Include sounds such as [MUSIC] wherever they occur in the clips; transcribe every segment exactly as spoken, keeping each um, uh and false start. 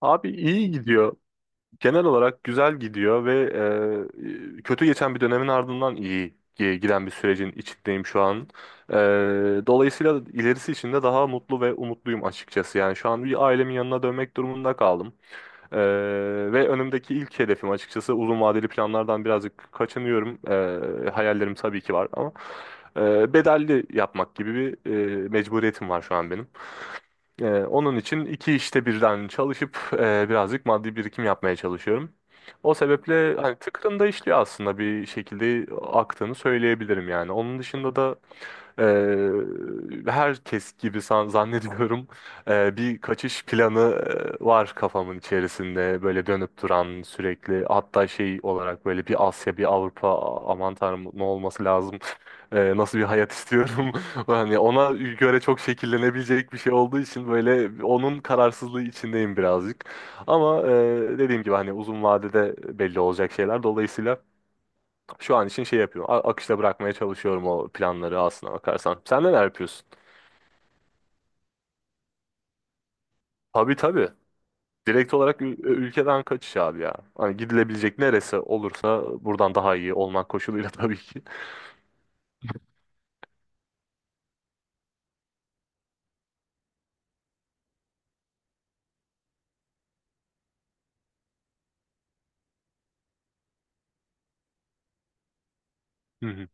Abi iyi gidiyor. Genel olarak güzel gidiyor ve e, kötü geçen bir dönemin ardından iyi gi- giden bir sürecin içindeyim şu an. E, Dolayısıyla ilerisi için de daha mutlu ve umutluyum açıkçası. Yani şu an bir ailemin yanına dönmek durumunda kaldım. E, Ve önümdeki ilk hedefim açıkçası, uzun vadeli planlardan birazcık kaçınıyorum. E, hayallerim tabii ki var ama e, bedelli yapmak gibi bir e, mecburiyetim var şu an benim. Ee, onun için iki işte birden çalışıp e, birazcık maddi birikim yapmaya çalışıyorum. O sebeple hani tıkırında işliyor, aslında bir şekilde aktığını söyleyebilirim yani. Onun dışında da ee, herkes gibi san- zannediyorum ee, bir kaçış planı e, var kafamın içerisinde böyle dönüp duran sürekli, hatta şey olarak böyle bir Asya bir Avrupa a- aman tanrım ne olması lazım. Ee, nasıl bir hayat istiyorum [LAUGHS] hani ona göre çok şekillenebilecek bir şey olduğu için böyle onun kararsızlığı içindeyim birazcık, ama e, dediğim gibi hani uzun vadede belli olacak şeyler, dolayısıyla şu an için şey yapıyorum. a- Akışta bırakmaya çalışıyorum o planları, aslına bakarsan. Sen neler yapıyorsun? Tabii, tabii. Direkt olarak ül- e, ülkeden kaçış abi ya. Hani gidilebilecek neresi olursa buradan daha iyi olmak koşuluyla [LAUGHS] tabii ki. Hı hı,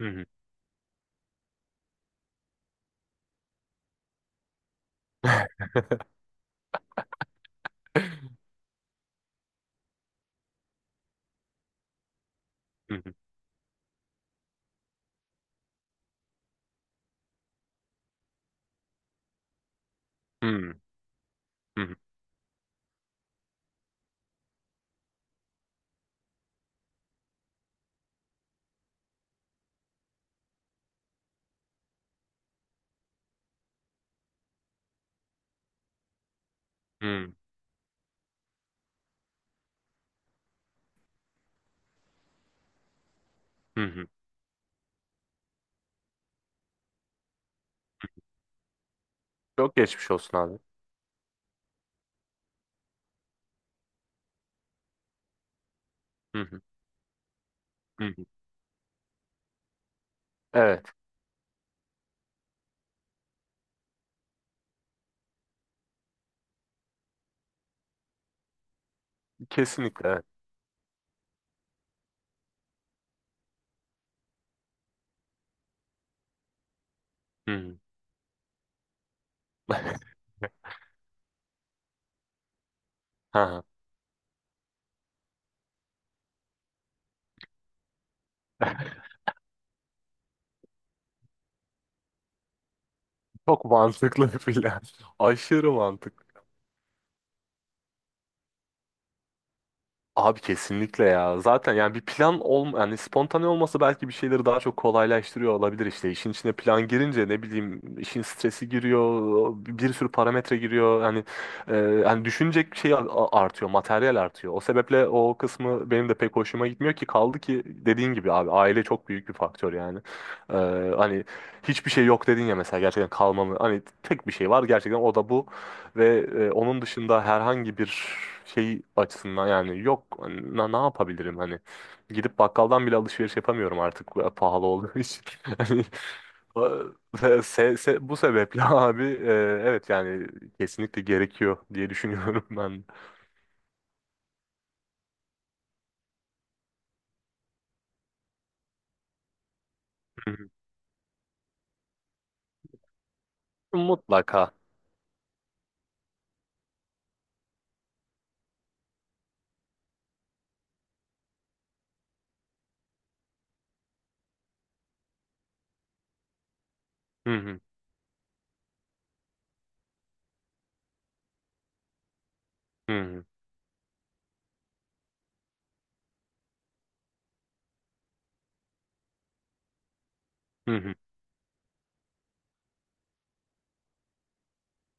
hı hı. Hı hı, hı hı, hı hı, hı. Hı. Çok geçmiş olsun abi. Hı hı, hı hı. Evet, kesinlikle evet. Hı hı. [LAUGHS] Ha. Ha. Çok mantıklı bir plan. [LAUGHS] Aşırı mantıklı. Abi kesinlikle ya. Zaten yani bir plan olm yani spontane olması belki bir şeyleri daha çok kolaylaştırıyor olabilir işte. İşin içine plan girince ne bileyim işin stresi giriyor, bir sürü parametre giriyor. Yani e, yani düşünecek şey a- a- artıyor, materyal artıyor. O sebeple o kısmı benim de pek hoşuma gitmiyor ki, kaldı ki dediğin gibi abi aile çok büyük bir faktör yani. E, Hani hiçbir şey yok dedin ya mesela, gerçekten kalmamı. Hani tek bir şey var gerçekten, o da bu. Ve e, onun dışında herhangi bir şey açısından yani yok hani, na, ne yapabilirim hani, gidip bakkaldan bile alışveriş yapamıyorum artık e, pahalı olduğu için. [LAUGHS] Hani, e, se- se- se- bu sebeple [LAUGHS] abi e, evet yani kesinlikle gerekiyor diye düşünüyorum [LAUGHS] ben. Hı hı. Mutlaka. Hı hı, hı hı, hı hı,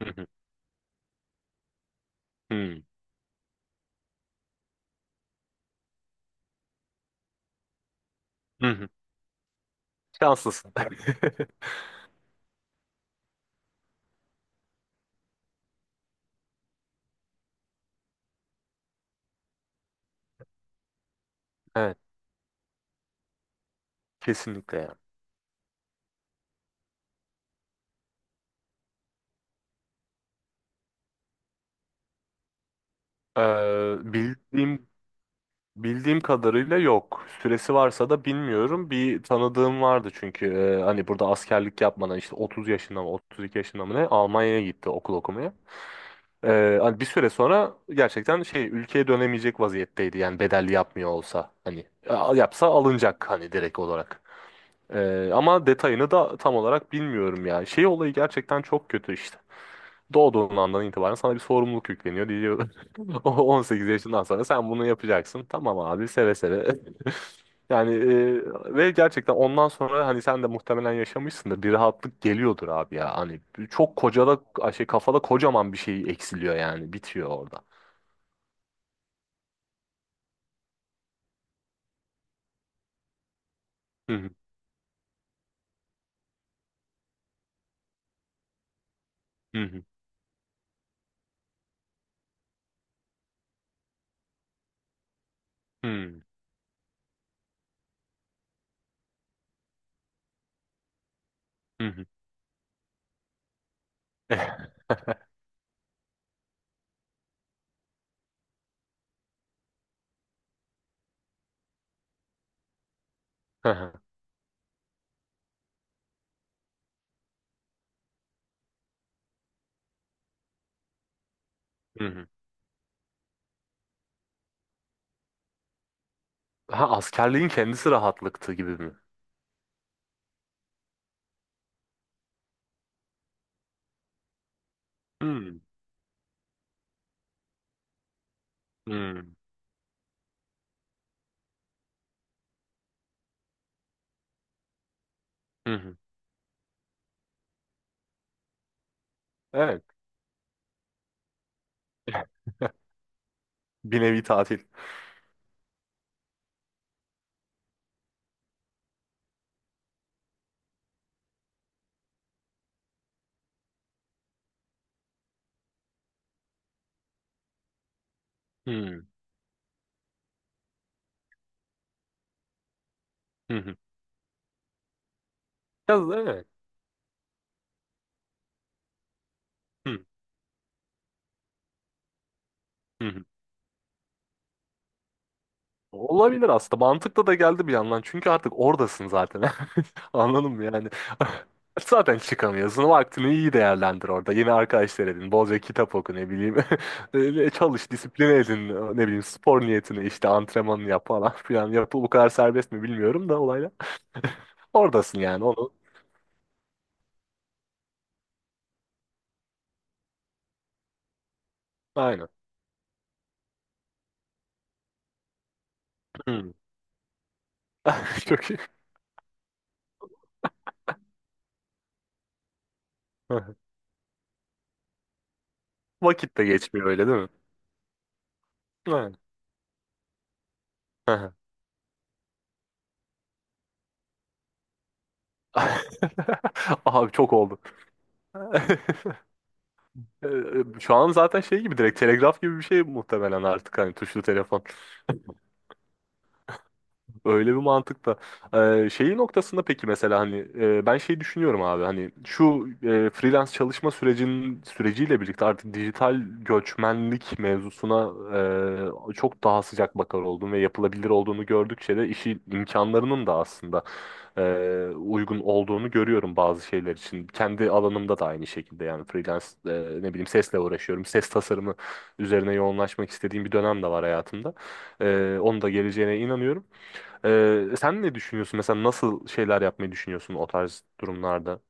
hı hı, hı hı. Şanslısın. [LAUGHS] Evet, kesinlikle yani. Ee, bildiğim Bildiğim kadarıyla yok. Süresi varsa da bilmiyorum. Bir tanıdığım vardı çünkü e, hani burada askerlik yapmadan işte otuz yaşında mı otuz iki yaşında mı ne, Almanya'ya gitti okul okumaya. E, hani bir süre sonra gerçekten şey, ülkeye dönemeyecek vaziyetteydi yani, bedelli yapmıyor olsa hani e, yapsa alınacak hani, direkt olarak. E, ama detayını da tam olarak bilmiyorum ya. Şey olayı gerçekten çok kötü işte. Doğduğun andan itibaren sana bir sorumluluk yükleniyor diyor. [LAUGHS] O on sekiz yaşından sonra sen bunu yapacaksın. Tamam abi, seve seve. [LAUGHS] Yani e, ve gerçekten ondan sonra hani sen de muhtemelen yaşamışsındır. Bir rahatlık geliyordur abi ya. Hani çok kocada şey, kafada kocaman bir şey eksiliyor, yani bitiyor orada. Hı hı, hı hı, hı hı. Hı. [LAUGHS] Hı hı, hı hı. Ha, askerliğin kendisi rahatlıktı gibi mi? Hı hı, hı. Hı. Evet. [LAUGHS] Bir nevi tatil. Hı hı, hı. Ya, evet. Hı hı. Hı. Olabilir aslında. Mantıklı da geldi bir yandan. Çünkü artık oradasın zaten. [LAUGHS] Anladın mı yani? [LAUGHS] Zaten çıkamıyorsun. Vaktini iyi değerlendir orada. Yeni arkadaşlar edin. Bolca kitap oku, ne bileyim. [LAUGHS] Öyle çalış, disipline edin. Ne bileyim spor niyetine işte, antrenmanını yap falan [LAUGHS] filan. Yapı bu kadar serbest mi bilmiyorum da olayla. [LAUGHS] Oradasın yani onu. Aynen. Hı. [LAUGHS] Çok iyi. [LAUGHS] Vakit de geçmiyor öyle değil mi? Aynen. [LAUGHS] Abi çok oldu. [LAUGHS] Ee, e, Şu an zaten şey gibi direkt telegraf gibi bir şey muhtemelen artık, hani tuşlu telefon. Öyle bir mantıkta. Ee, şeyi noktasında peki, mesela hani e, ben şey düşünüyorum abi, hani şu e, freelance çalışma sürecinin süreciyle birlikte artık dijital göçmenlik mevzusuna e, çok daha sıcak bakar oldum ve yapılabilir olduğunu gördükçe de işi imkanlarının da aslında e, uygun olduğunu görüyorum bazı şeyler için. Kendi alanımda da aynı şekilde yani, freelance, e, ne bileyim sesle uğraşıyorum. Ses tasarımı üzerine yoğunlaşmak istediğim bir dönem de var hayatımda. E, onun da geleceğine inanıyorum. Ee, sen ne düşünüyorsun? Mesela nasıl şeyler yapmayı düşünüyorsun o tarz durumlarda?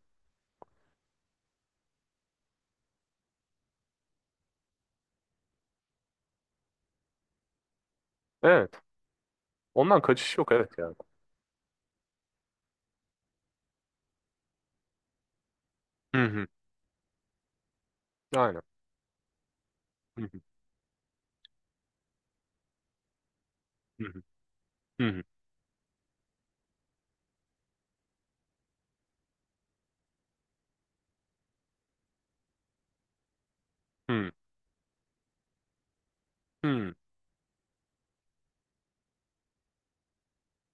Evet. Ondan kaçış yok, evet yani. Hı hı. Aynen. Hı hı. Hı hı. Hı hı. Hı.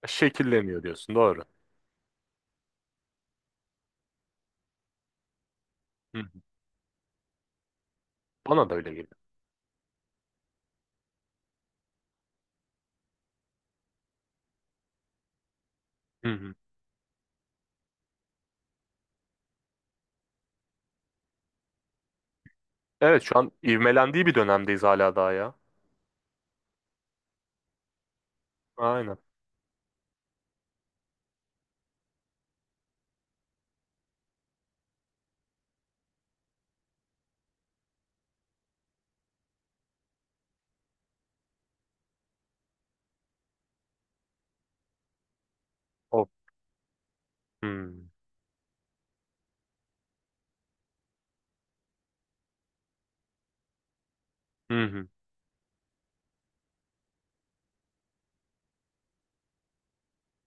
Şekilleniyor diyorsun. Doğru. Hı hı. Bana da öyle geliyor. Hı hı. Evet, şu an ivmelendiği bir dönemdeyiz hala daha ya. Aynen. O. Hı. Hı hı.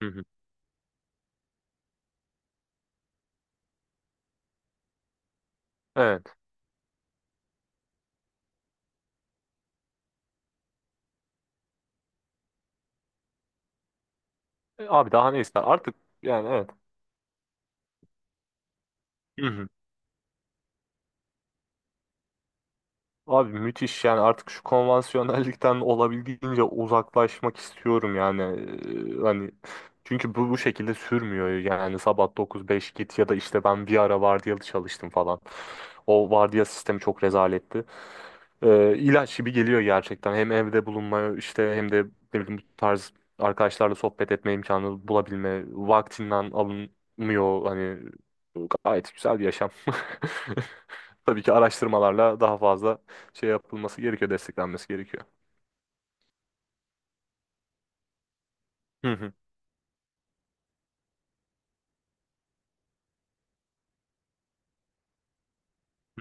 Hı hı. Evet. E, abi daha ne ister? Artık yani, evet. Hı hı. Abi müthiş, yani artık şu konvansiyonellikten olabildiğince uzaklaşmak istiyorum yani. Ee, hani çünkü bu bu şekilde sürmüyor yani, sabah dokuz beş git, ya da işte ben bir ara vardiyalı çalıştım falan. O vardiya sistemi çok rezaletti. Ee, ilaç gibi geliyor gerçekten, hem evde bulunmaya işte, hem de ne bileyim bu tarz arkadaşlarla sohbet etme imkanı bulabilme vaktinden alınmıyor hani, gayet güzel bir yaşam. [LAUGHS] Tabii ki araştırmalarla daha fazla şey yapılması gerekiyor, desteklenmesi gerekiyor. Hı hı.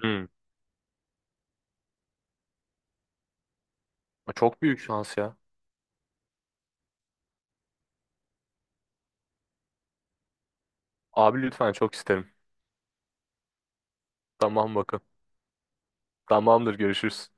Hı. Çok büyük şans ya. Abi lütfen, çok isterim. Tamam bakın. Tamamdır, görüşürüz.